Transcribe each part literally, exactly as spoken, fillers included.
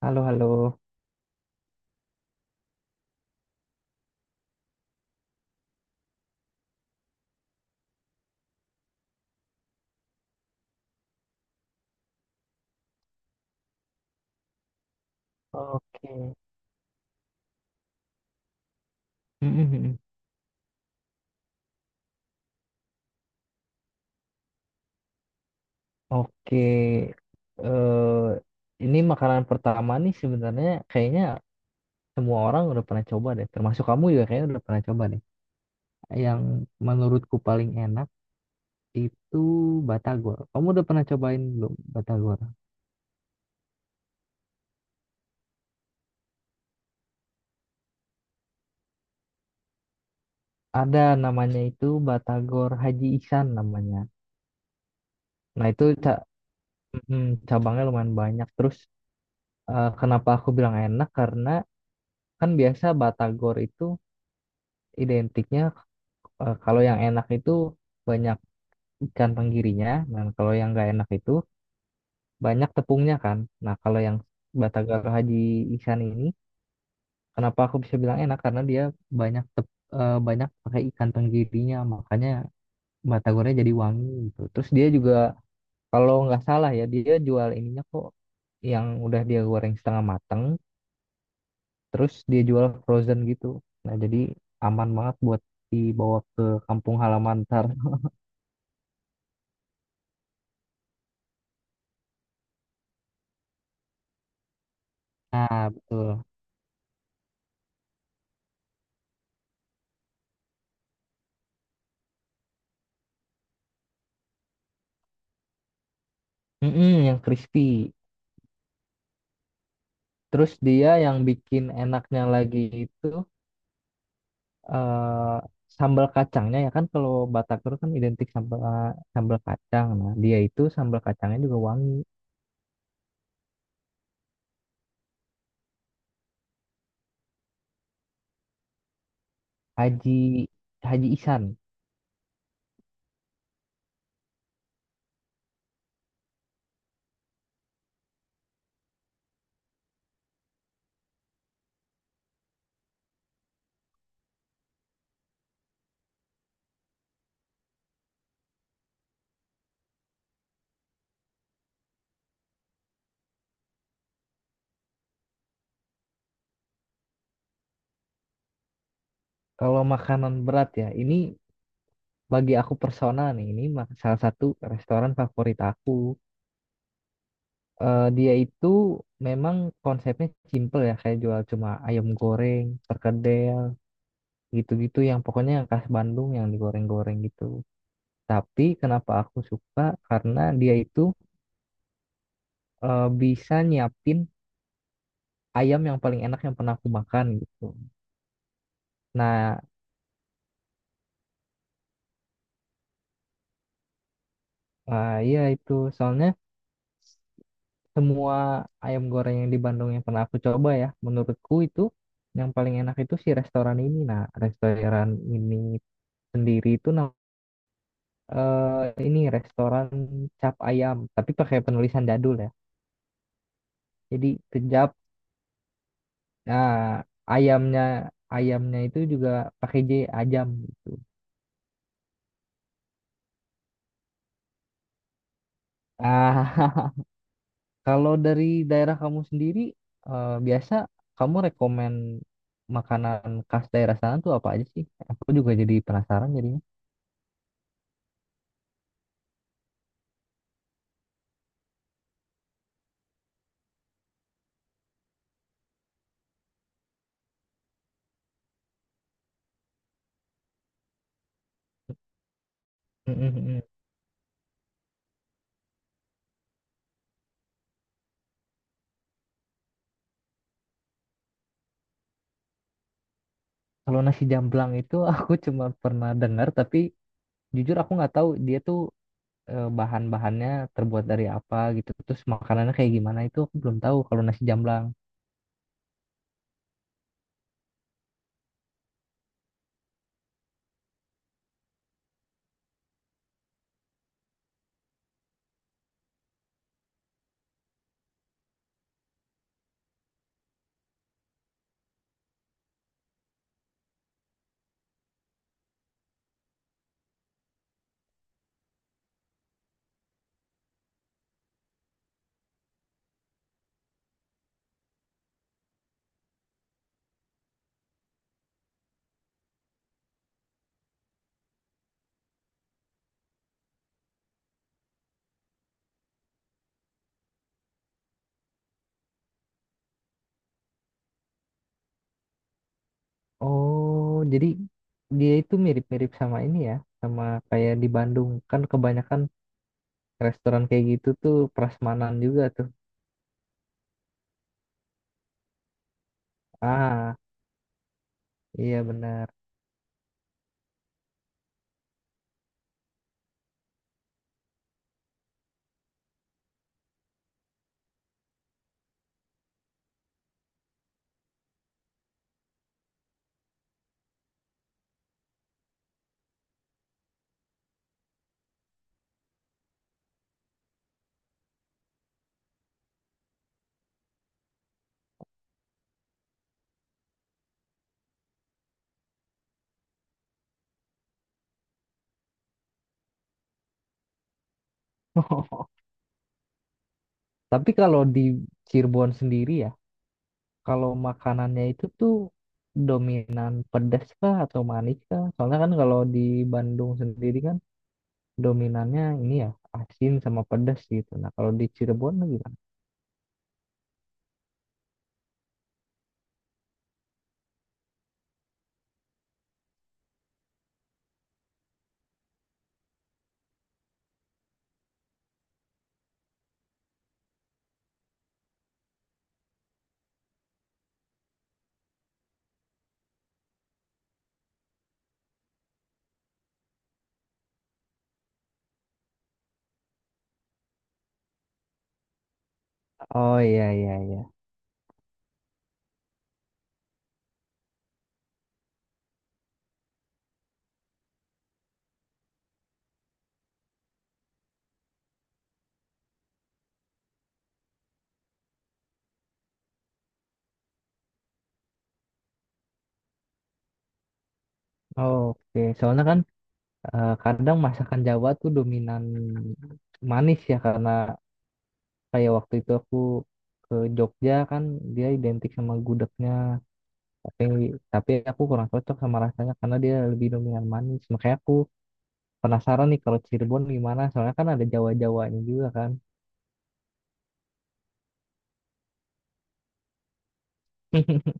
Halo, halo. Oke. Mhm. Oke, eh ini makanan pertama nih sebenarnya kayaknya semua orang udah pernah coba deh, termasuk kamu juga kayaknya udah pernah coba deh. Yang menurutku paling enak itu batagor. Kamu udah pernah cobain belum batagor? Ada namanya itu batagor Haji Ihsan namanya. Nah itu ca mhm, cabangnya lumayan banyak. Terus eh, kenapa aku bilang enak? Karena kan biasa batagor itu identiknya. Eh, kalau yang enak itu banyak ikan tenggirinya, dan kalau yang nggak enak itu banyak tepungnya kan. Nah, kalau yang Batagara Haji Ikan ini, kenapa aku bisa bilang enak? Karena dia banyak tep, eh, banyak pakai ikan tenggirinya, makanya batagornya jadi wangi gitu. Terus dia juga kalau nggak salah ya, dia jual ininya kok yang udah dia goreng setengah mateng, terus dia jual frozen gitu. Nah, jadi aman banget buat dibawa ke kampung halaman ntar. Nah, betul. Mm-mm, yang crispy. Terus dia yang bikin enaknya lagi itu eh sambal kacangnya ya kan kalau Batagor kan identik sama sambal kacang. Nah, dia itu sambal kacangnya juga wangi. Haji Haji Ihsan. Kalau makanan berat ya, ini bagi aku personal nih, ini mak- salah satu restoran favorit aku. Eh, dia itu memang konsepnya simple ya, kayak jual cuma ayam goreng, perkedel, gitu-gitu yang pokoknya yang khas Bandung yang digoreng-goreng gitu. Tapi kenapa aku suka? Karena dia itu eh, bisa nyiapin ayam yang paling enak yang pernah aku makan gitu. Nah, eh, iya itu soalnya semua ayam goreng yang di Bandung yang pernah aku coba ya, menurutku itu yang paling enak itu si restoran ini. Nah, restoran ini sendiri itu nam- eh, ini restoran cap ayam, tapi pakai penulisan jadul ya. Jadi kejap, nah ayamnya ayamnya itu juga pakai J ajam. Ah, Kalau dari daerah kamu sendiri, eh, biasa kamu rekomen makanan khas daerah sana tuh apa aja sih? Aku juga jadi penasaran jadinya. Mm-mm-mm. Kalau nasi jamblang itu aku cuma pernah dengar, tapi jujur aku nggak tahu dia tuh eh, bahan-bahannya terbuat dari apa gitu. Terus makanannya kayak gimana itu aku belum tahu kalau nasi jamblang. Oh, jadi dia itu mirip-mirip sama ini ya, sama kayak di Bandung. Kan kebanyakan restoran kayak gitu tuh prasmanan juga tuh. Ah. Iya benar. Tapi kalau di Cirebon sendiri ya, kalau makanannya itu tuh dominan pedas kah atau manis kah? Soalnya kan kalau di Bandung sendiri kan dominannya ini ya asin sama pedas gitu. Nah kalau di Cirebon gimana? Oh iya iya iya. Oke, soalnya kan eh, kadang masakan Jawa tuh dominan manis ya karena kayak waktu itu aku ke Jogja kan dia identik sama gudegnya. tapi tapi aku kurang cocok sama rasanya karena dia lebih dominan manis makanya aku penasaran nih kalau Cirebon gimana soalnya kan ada Jawa-Jawanya juga kan.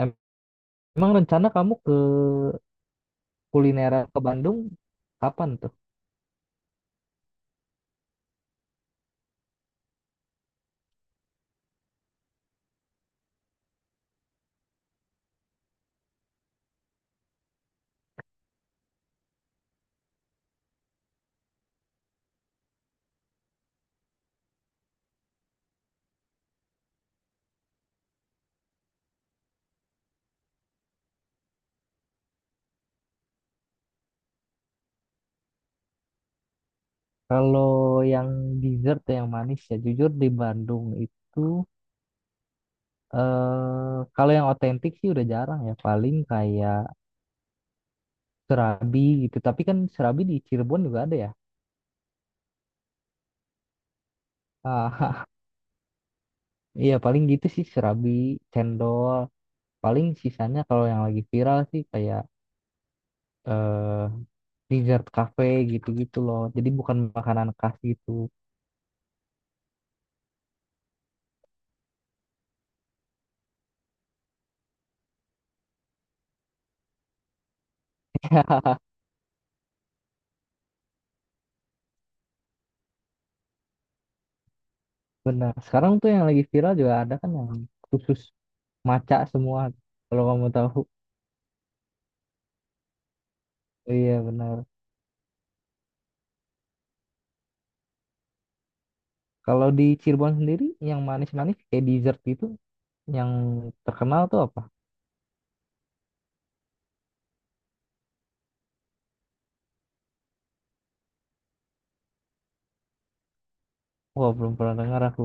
Em- Emang rencana kamu ke kuliner ke Bandung kapan tuh? Kalau yang dessert yang manis ya jujur di Bandung itu eh kalau yang otentik sih udah jarang ya paling kayak serabi gitu tapi kan serabi di Cirebon juga ada ya. Ah, iya paling gitu sih serabi, cendol. Paling sisanya kalau yang lagi viral sih kayak eh dessert cafe gitu-gitu loh. Jadi bukan makanan khas gitu. Benar. Sekarang tuh yang lagi viral juga ada kan yang khusus maca semua. Kalau kamu tahu. Iya benar. Kalau di Cirebon sendiri yang manis-manis kayak dessert gitu yang terkenal tuh apa? Wah, belum pernah dengar aku.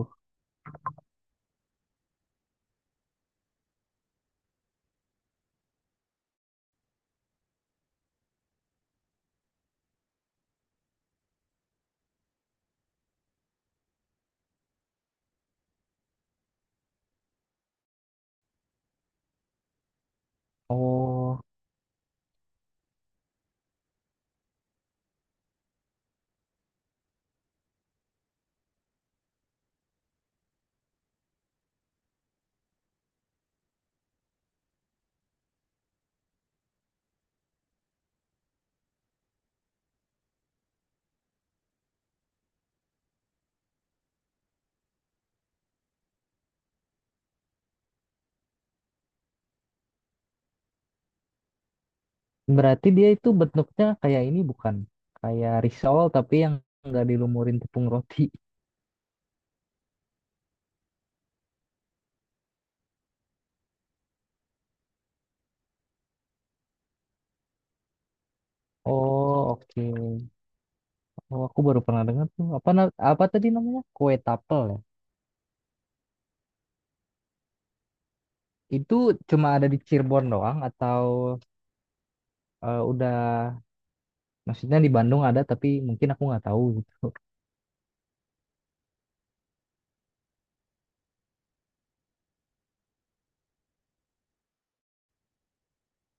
Oh, berarti dia itu bentuknya kayak ini bukan? Kayak risol tapi yang nggak dilumurin tepung roti. Oh, oke. Oh, aku baru pernah dengar tuh. Apa na- apa tadi namanya? Kue tapel ya. Itu cuma ada di Cirebon doang atau eh, udah maksudnya di Bandung ada tapi mungkin aku nggak tahu gitu.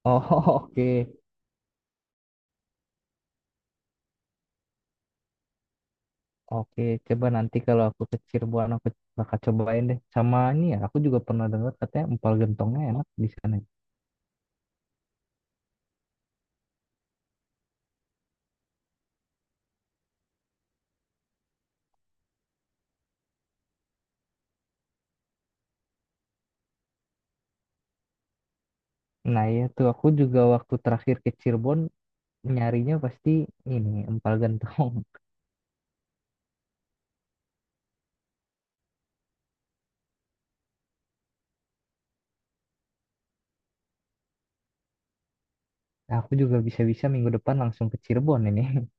Oh, oke. Oke, coba nanti kalau aku ke Cirebon aku bakal cobain deh. Sama ini ya, aku juga pernah dengar katanya empal gentongnya enak di sana. Nah, iya tuh aku juga waktu terakhir ke Cirebon nyarinya pasti ini empal gentong. Aku juga bisa-bisa minggu depan langsung ke Cirebon ini.